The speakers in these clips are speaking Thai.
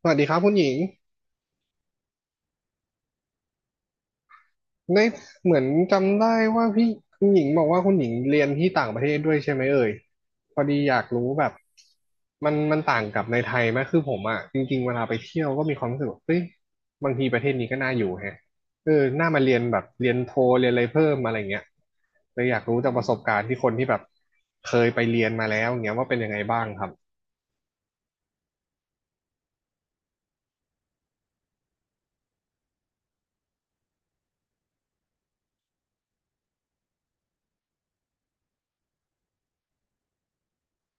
สวัสดีครับคุณหญิงได้เหมือนจำได้ว่าพี่คุณหญิงบอกว่าคุณหญิงเรียนที่ต่างประเทศด้วยใช่ไหมเอ่ยพอดีอยากรู้แบบมันต่างกับในไทยไหมคือผมอ่ะจริงๆเวลาไปเที่ยวก็มีความรู้สึกว่าเฮ้ยบางทีประเทศนี้ก็น่าอยู่แฮะเออน่ามาเรียนแบบเรียนโทเรียนอะไรเพิ่มอะไรเงี้ยเลยอยากรู้จากประสบการณ์ที่คนที่แบบเคยไปเรียนมาแล้วเงี้ยว่าเป็นยังไงบ้างครับ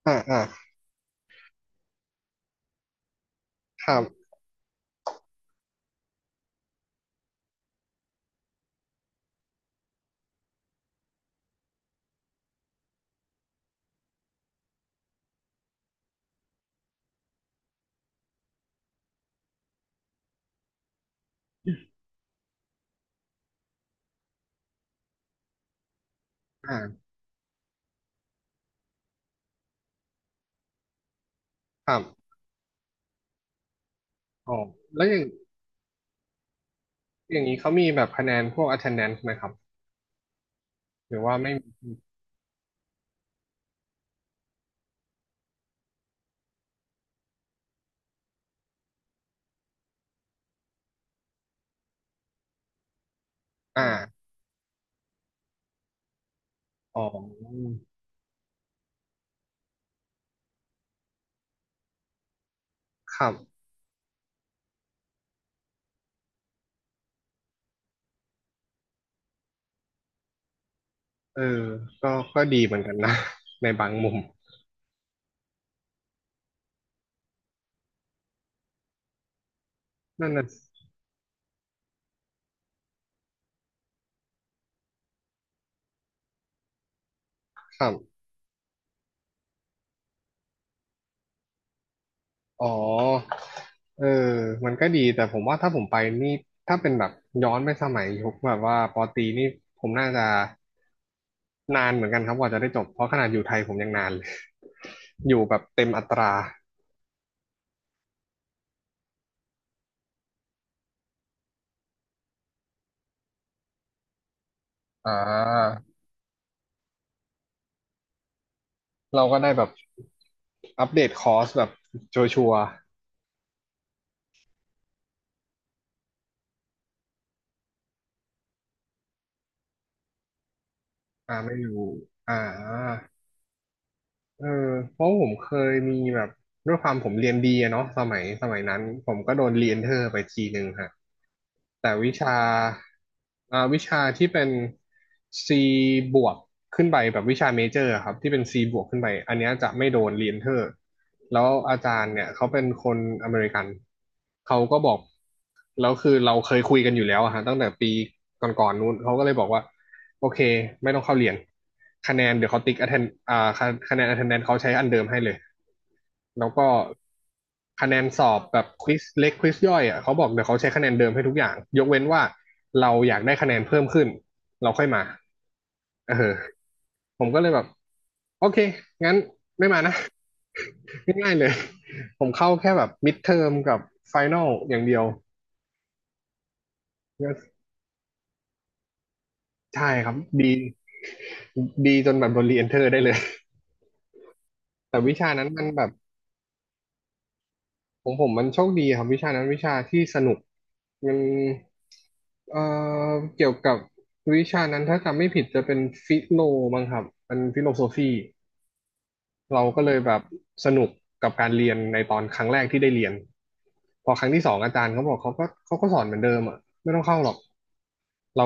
อ่าอ่าครับอ่าครับอ๋อแล้วอย่างนี้เขามีแบบคะแนนพวก attendance ไหมครับ หรือว่าไม่มีอ่าอ๋อครับเออก็ก็ดีเหมือนกันนะ ในบางมุม นั่นนะครับอ๋อเออมันก็ดี แต่ผมว่าถ้าผมไปนี่ ถ้าเป็นแบบย้อนไปสมัยยุคแบบว่าปอตรีนี่ผมน่าจะนานเหมือนกันครับกว่าจะได้จบ เพราะขนาดอยู่ไทยผมยังนานเลย อยู่แบบเต็มอัตราอ่าเราก็ได้แบบอัปเดตคอร์สแบบชัวร์ๆอ่าไม่อยู่อ่า เออเพราะผมเคยมีแบบด้วยความผมเรียนดีอะเนาะสมัยนั้นผมก็โดนเรียนเทอร์ไปทีหนึ่งฮะแต่วิชาวิชาที่เป็น C บวกขึ้นไปแบบวิชาเมเจอร์อครับที่เป็น C บวกขึ้นไปอันเนี้ยจะไม่โดนเรียนเทอร์แล้วอาจารย์เนี่ยเขาเป็นคนอเมริกันเขาก็บอกแล้วคือเราเคยคุยกันอยู่แล้วอะฮะตั้งแต่ปีก่อนๆนู้นเขาก็เลยบอกว่า โอเคไม่ต้องเข้าเรียนคะแนนเดี๋ยวเขาติ๊ก attend อ่าคะคะแนน attendance เขาใช้อันเดิมให้เลยแล้วก็คะแนนสอบแบบควิสเล็กควิสย่อยอ่ะเขาบอกเดี๋ยวเขาใช้คะแนนเดิมให้ทุกอย่างยกเว้นว่าเราอยากได้คะแนนเพิ่มขึ้นเราค่อยมาเออผมก็เลยแบบโอเคงั้นไม่มานะ ง่ายๆเลยผมเข้าแค่แบบมิดเทอมกับไฟน a ลอย่างเดียวก็ใช่ครับดีดีจนแบบโดนรีเอนเทอร์ได้เลยแต่วิชานั้นมันแบบ ผมมันโชคดีครับวิชานั้นวิชาที่สนุกมันเอ่เกี่ยวกับวิชานั้นถ้าจำไม่ผิดจะเป็นฟิโลมั้งครับเป็นฟิโลโซฟีเราก็เลยแบบสนุกกับการเรียนในตอนครั้งแรกที่ได้เรียนพอครั้งที่สองอาจารย์เขาบอกเขาก็สอนเหมือนเดิมอ่ะไม่ต้องเข้าหรอกเรา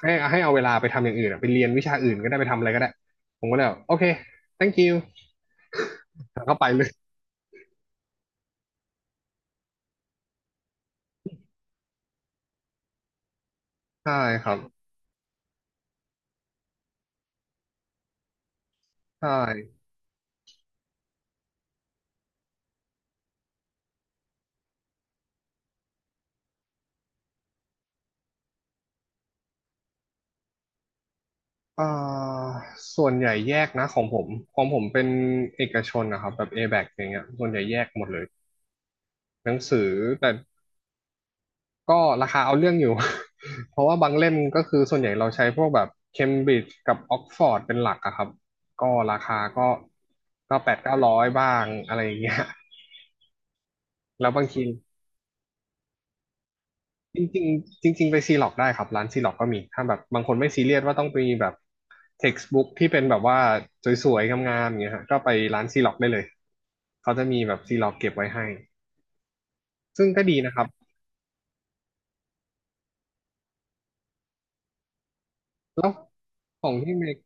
ให้ให้เอาเวลาไปทำอย่างอื่นอะไปเรียนวิชาอื่นก็ได้ไปทำอะไรก็ได้ผมก็เลยแบบโอเค thank you แล้วก็ไปเลยใช่ครับใช่ อ่าส่วนใหญ่แยกนะของผมของผมเป็นเอกชนนะครับแบบ A-back อแบคอย่างเงี้ยส่วนใหญ่แยกหมดเลยหนังสือแต่ก็ราคาเอาเรื่องอยู่ เพราะว่าบางเล่มก็คือส่วนใหญ่เราใช้พวกแบบเคมบริดจ์กับออกฟอร์ดเป็นหลักอะครับก็ราคาก็แปดเก้าร้อยบ้างอะไรอย่างเงี้ยแล้วบางที จริงๆจริงๆไปซีล็อกได้ครับร้านซีล็อกก็มีถ้าแบบบางคนไม่ซีเรียสว่าต้องไปแบบ textbook ที่เป็นแบบว่าสวยๆงามๆอย่างเงี้ยฮะก็ไปร้านซีล็อกได้เลยเขาจะมีแบบซีล็อกเก็บไว้ให้ซึ่งก็ดีนะครับแล้วของที่เมก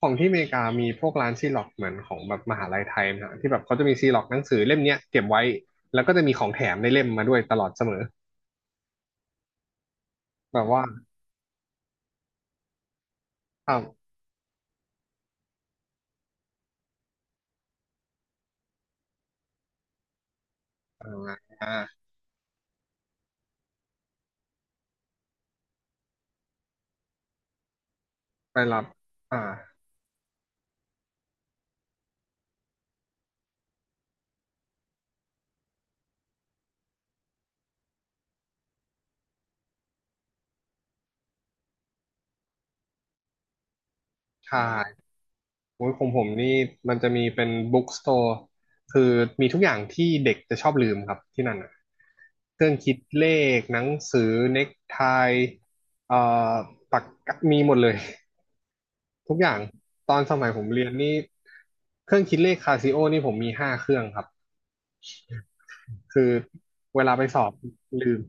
ของที่อเมริกามีพวกร้านซีล็อกเหมือนของแบบมหาลัยไทยนะฮะที่แบบเขาจะมีซีล็อกหนังสือเล่มเนี้ยเก็บไว้แล้วก็จะมีของแถมในเล่มมาด้วยตลอดเสมอแบบว่าอ้าวอ่าไปรับอ่าใช่ โอ้ยของผมนี่มันจะมีเป็นบุ๊กสโตร์คือมีทุกอย่างที่เด็กจะชอบลืมครับที่นั่นอ่ะเครื่องคิดเลขหนังสือเน็กไทเอ่อปากกามีหมดเลยทุกอย่าง ตอนสมัยผมเรียนนี่เครื่องคิดเลขคาซิโอนี่ผมมี5 เครื่องครับ คือเวลาไปสอบลืม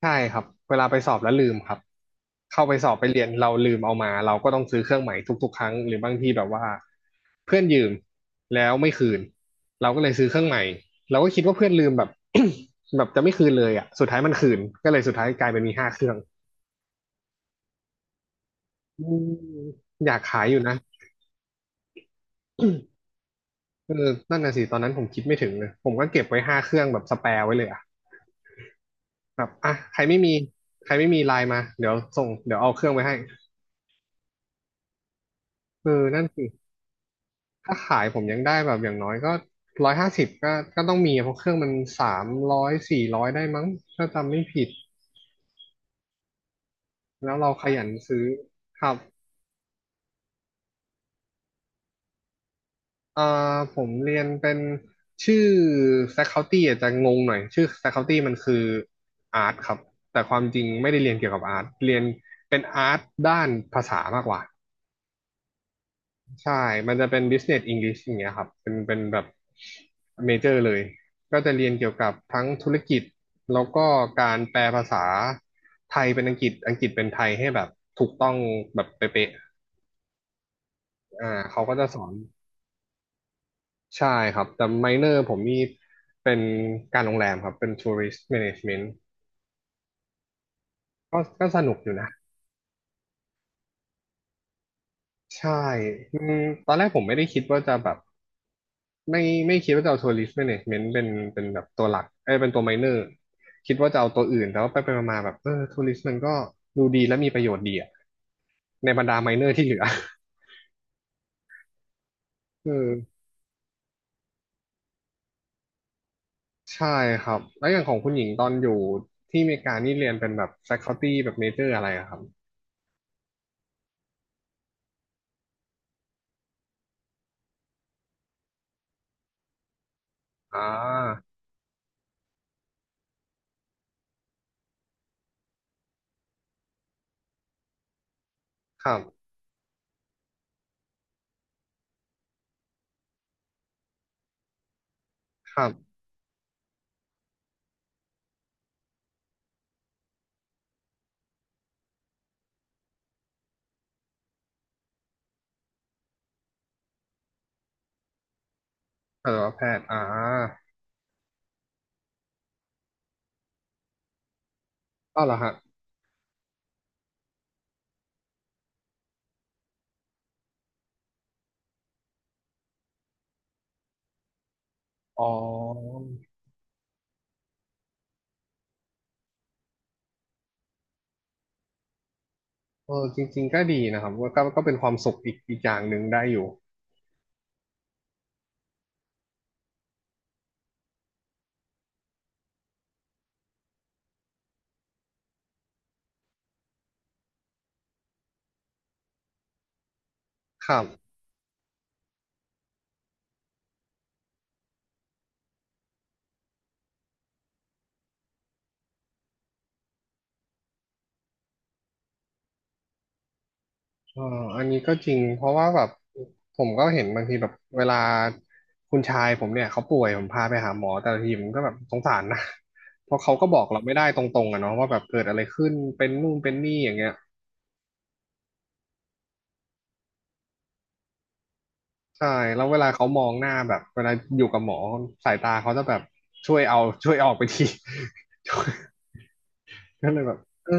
ใช่ครับเวลาไปสอบแล้วลืมครับเข้าไปสอบไปเรียนเราลืมเอามาเราก็ต้องซื้อเครื่องใหม่ทุกๆครั้งหรือบางทีแบบว่าเพื่อนยืมแล้วไม่คืนเราก็เลยซื้อเครื่องใหม่เราก็คิดว่าเพื่อนลืมแบบ แบบจะไม่คืนเลยอ่ะสุดท้ายมันคืนก็เลยสุดท้ายกลายเป็นมีห้าเครื่องอืมอยากขายอยู่นะเออนั่นน่ะสิตอนนั้นผมคิดไม่ถึงเลยผมก็เก็บไว้ห้าเครื่องแบบสแปร์ไว้เลยอ่ะแบบอ่ะใครไม่มีใครไม่มีไลน์มาเดี๋ยวส่งเดี๋ยวเอาเครื่องไปให้เออนั่นสิ ถ้าขายผมยังได้แบบอย่างน้อยก็ร้อยห้าสิบก็ต้องมีเพราะเครื่องมัน300400ได้มั้งถ้าจำไม่ผิดแล้วเราขยันซื้อครับเอ่ผมเรียนเป็นชื่อ faculty อาจจะงงหน่อยชื่อ faculty มันคือ Art ครับแต่ความจริงไม่ได้เรียนเกี่ยวกับ Art เรียนด้านภาษามากกว่า ใช่ มันจะเป็น Business English อย่างเงี้ยครับ เป็นแบบเมเจอร์เลย ก็จะเรียนเกี่ยวกับทั้งธุรกิจ แล้วก็การแปลภาษาไทยเป็นอังกฤษ อังกฤษเป็นไทยให้แบบถูกต้องแบบเป๊ะๆอ่าเขาก็จะสอน ใช่ครับ แต่ไมเนอร์ผมนี่เป็นการโรงแรมครับเป็น Tourist Management ก็สนุกอยู่นะ ใช่อืมตอนแรกผมไม่ได้คิดว่าจะแบบไม่ไม่คิดว่าจะเอาทัวริสต์แมเนจเมนต์เป็นเป็นแบบตัวหลักเอ้ยเป็นตัวไมเนอร์คิดว่าจะเอาตัวอื่นแต่ว่าไปมาๆแบบเออทัวริสต์มันก็ดูดีและมีประโยชน์ดีอะในบรรดาไมเนอร์ที่เหลือ เออใช่ครับแล้วอย่างของคุณหญิงตอนอยู่ที่อเมริกานี่เรียนเป็นแบบ faculty แบบ major อะไรอะครับ อ่าครับครับสัตวแพทย์อ่าอ้าวเหรอฮะอ๋อ เออจริงๆก็ดีนะครับก็เป็นความสุขอีกอย่างหนึ่งได้อยู่ครับเอออันนี้ก็จริงเพราะว่าแบบผมก็เห็นบางทีแบบเวลาคุณชายผมเนี่ยเขาป่วยผมพาไปหาหมอแต่ละทีผมก็แบบสงสารนะ เพราะเขาก็บอกเราไม่ได้ตรงๆอะเนาะว่าแบบเกิดอะไรขึ้นเป็นนู่นเป็นนี่อย่างเงี้ยใช่แล้วเวลาเขามองหน้าแบบเวลาอยู่กับหมอสายตาเขาจะแบบช่วยเอาช่วยออกไปที ก็เลยแบบเออ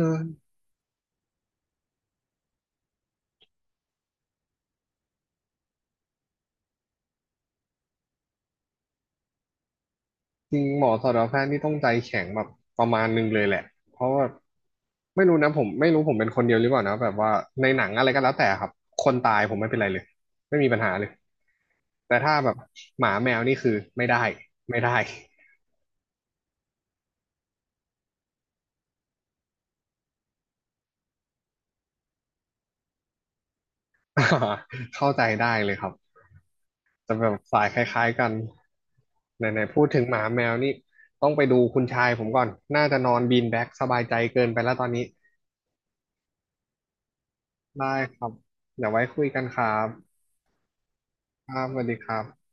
จริงหมอสัตวแพทย์นี่ต้องใจแข็งแบบประมาณนึงเลยแหละเพราะว่าไม่รู้นะผมไม่รู้ผมเป็นคนเดียวหรือเปล่านะแบบว่าในหนังอะไรก็แล้วแต่ครับคนตายผมไม่เป็นไรเลยไม่มีปัญหาเลยแต่ถ้าแบบหมาแมวนี่คือไม่ได้ไม่ได้ เข้าใจได้เลยครับจะแบบสายคล้ายๆกันไหนๆพูดถึงหมาแมวนี่ต้องไปดูคุณชายผมก่อนน่าจะนอนบีนแบ็กสบายใจเกินไปแล้วตอนนี้ได้ครับเดี๋ยวไว้คุยกันครับครับสวัสดีครับ